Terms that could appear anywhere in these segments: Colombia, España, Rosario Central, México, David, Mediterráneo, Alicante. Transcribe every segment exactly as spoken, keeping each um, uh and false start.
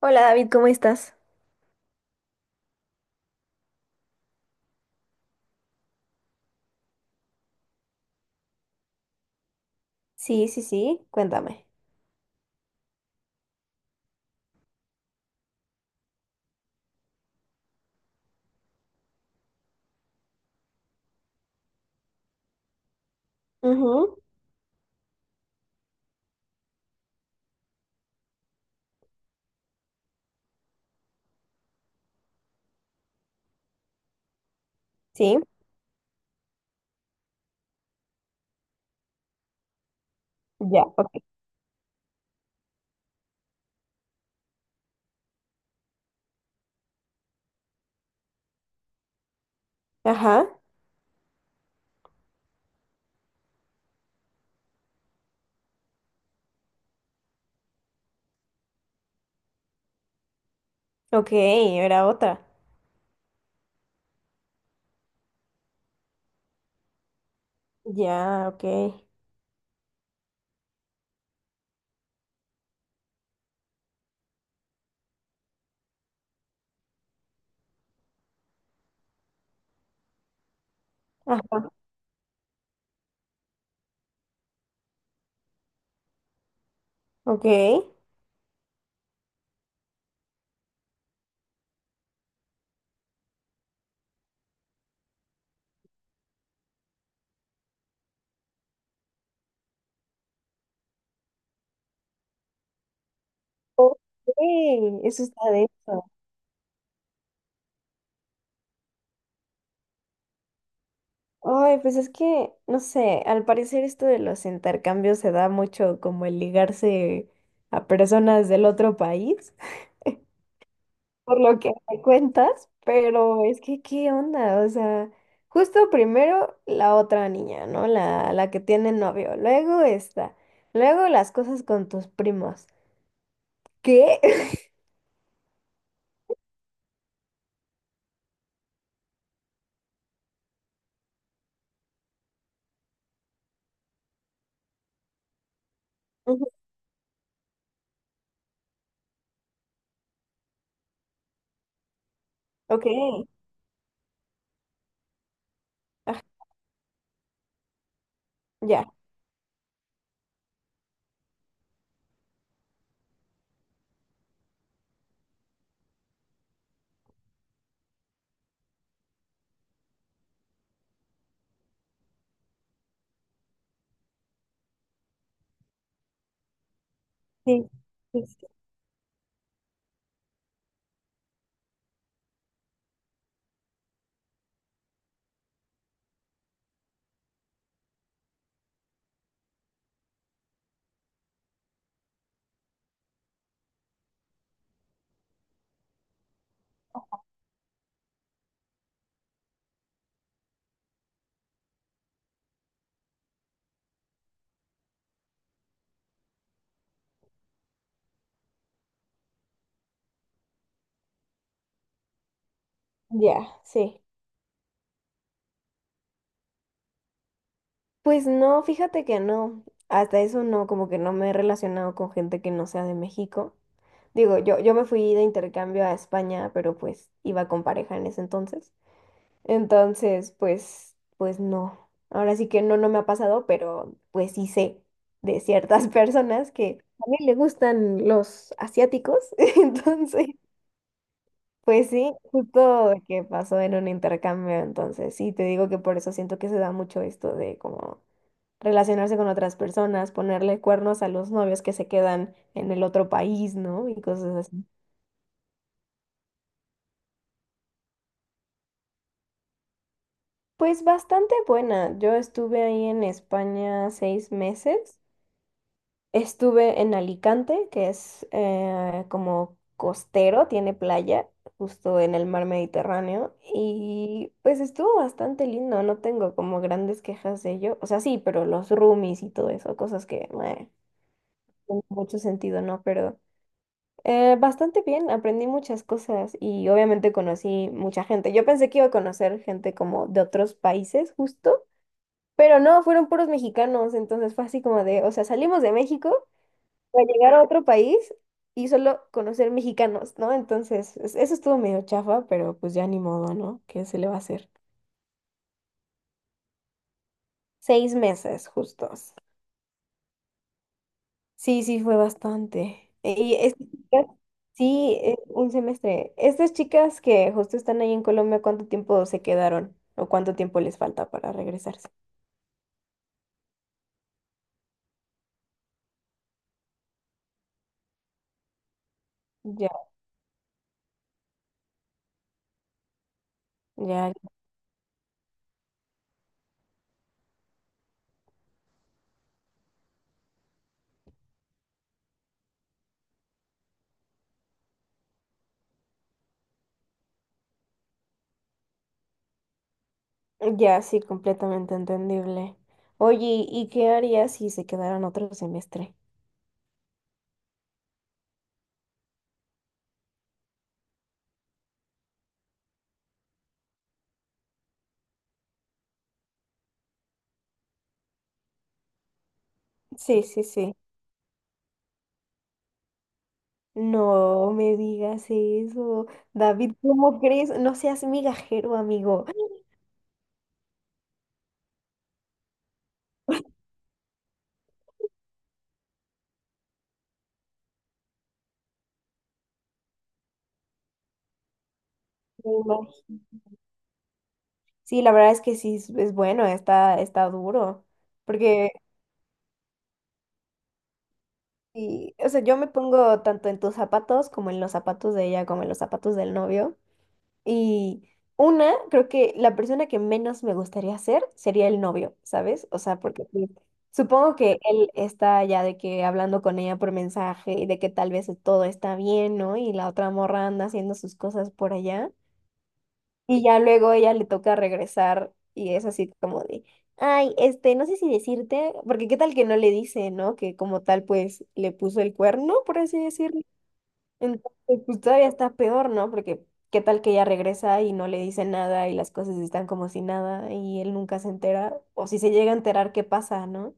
Hola David, ¿cómo estás? Sí, sí, sí, cuéntame. Ujú. Sí. Ya, ok. Ajá. Ok, era otra. Ya, ok. Ajá, ok. Ok, eso está denso. Ay, pues es que, no sé, al parecer esto de los intercambios se da mucho como el ligarse a personas del otro país. Por lo que me cuentas, pero es que, ¿qué onda? O sea, justo primero la otra niña, ¿no? La, la que tiene novio, luego esta, luego las cosas con tus primos. ¿Qué? Ujú. Ok, ya, sí, sí, sí, ya, sí. Pues no, fíjate que no, hasta eso no, como que no me he relacionado con gente que no sea de México. Digo, yo, yo me fui de intercambio a España, pero pues iba con pareja en ese entonces. Entonces, pues, pues no. Ahora sí que no, no me ha pasado, pero pues sí sé de ciertas personas que también le gustan los asiáticos. Entonces, pues sí, justo que pasó en un intercambio. Entonces, sí, te digo que por eso siento que se da mucho esto de como relacionarse con otras personas, ponerle cuernos a los novios que se quedan en el otro país, ¿no? Y cosas así. Pues bastante buena. Yo estuve ahí en España seis meses. Estuve en Alicante, que es eh, como costero, tiene playa, justo en el mar Mediterráneo, y pues estuvo bastante lindo, no tengo como grandes quejas de ello, o sea, sí, pero los roomies y todo eso, cosas que meh, no tienen mucho sentido, ¿no? Pero eh, bastante bien, aprendí muchas cosas y obviamente conocí mucha gente. Yo pensé que iba a conocer gente como de otros países, justo. Pero no, fueron puros mexicanos, entonces fue así como de, o sea, salimos de México para llegar a otro país y solo conocer mexicanos, ¿no? Entonces, es- eso estuvo medio chafa, pero pues ya ni modo, ¿no? ¿Qué se le va a hacer? Seis meses justos. Sí, sí, fue bastante. Y estas chicas, sí, eh, un semestre. Estas chicas que justo están ahí en Colombia, ¿cuánto tiempo se quedaron? ¿O cuánto tiempo les falta para regresarse? Ya, ya, ya, sí, completamente entendible. Oye, ¿y qué harías si se quedaran otro semestre? Sí, sí, sí. No me digas eso. David, ¿cómo crees? No seas migajero, amigo. Me imag- Sí, la verdad es que sí, es es bueno, está, está duro. Porque, y, o sea, yo me pongo tanto en tus zapatos como en los zapatos de ella, como en los zapatos del novio. Y una, creo que la persona que menos me gustaría ser sería el novio, ¿sabes? O sea, porque sí, supongo que él está ya de que hablando con ella por mensaje y de que tal vez todo está bien, ¿no? Y la otra morra anda haciendo sus cosas por allá. Y ya luego ella le toca regresar y es así como de, ay, este, no sé si decirte, porque qué tal que no le dice, ¿no? Que como tal, pues le puso el cuerno, por así decirlo. Entonces, pues todavía está peor, ¿no? Porque qué tal que ella regresa y no le dice nada y las cosas están como si nada y él nunca se entera, o si se llega a enterar, ¿qué pasa, no?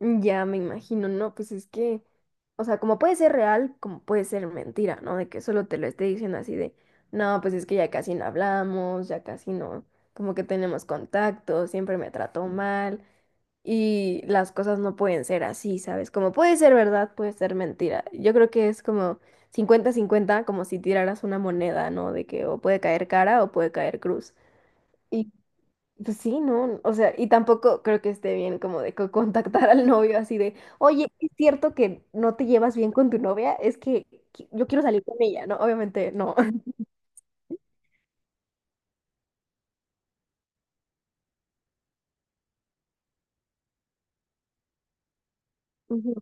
Ya me imagino, no, pues es que, o sea, como puede ser real, como puede ser mentira, ¿no? De que solo te lo esté diciendo así de, no, pues es que ya casi no hablamos, ya casi no, como que tenemos contacto, siempre me trató mal. Y las cosas no pueden ser así, ¿sabes? Como puede ser verdad, puede ser mentira. Yo creo que es como cincuenta-cincuenta como si tiraras una moneda, ¿no? De que o puede caer cara o puede caer cruz. Y pues sí, ¿no? O sea, y tampoco creo que esté bien como de co- contactar al novio así de, oye, ¿es cierto que no te llevas bien con tu novia? Es que qui- yo quiero salir con ella, ¿no? Obviamente no. Ujú.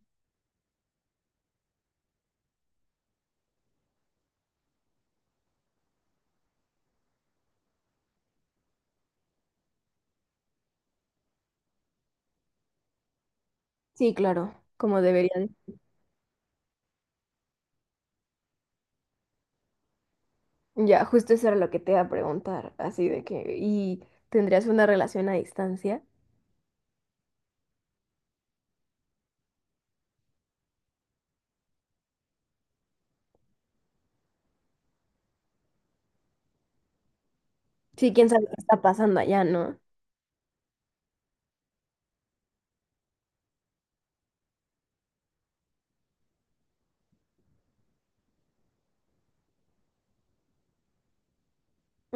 Sí, claro, como deberían. Ya, justo eso era lo que te iba a preguntar, así de que, ¿y tendrías una relación a distancia? Sí, quién sabe qué está pasando allá, ¿no?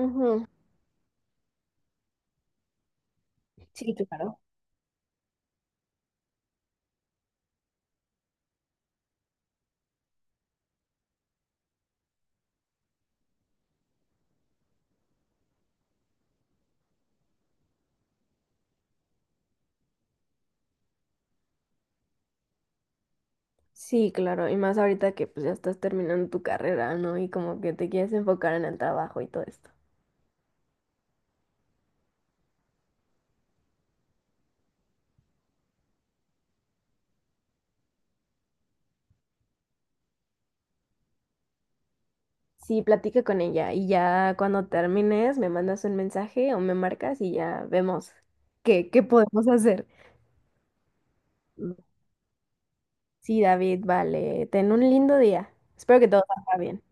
Ujú. Sí, claro. Sí, claro, y más ahorita que pues ya estás terminando tu carrera, ¿no? Y como que te quieres enfocar en el trabajo y todo esto. Sí, platica con ella y ya cuando termines me mandas un mensaje o me marcas y ya vemos qué, qué podemos hacer. Mm. Sí, David, vale, ten un lindo día. Espero que todo salga bien.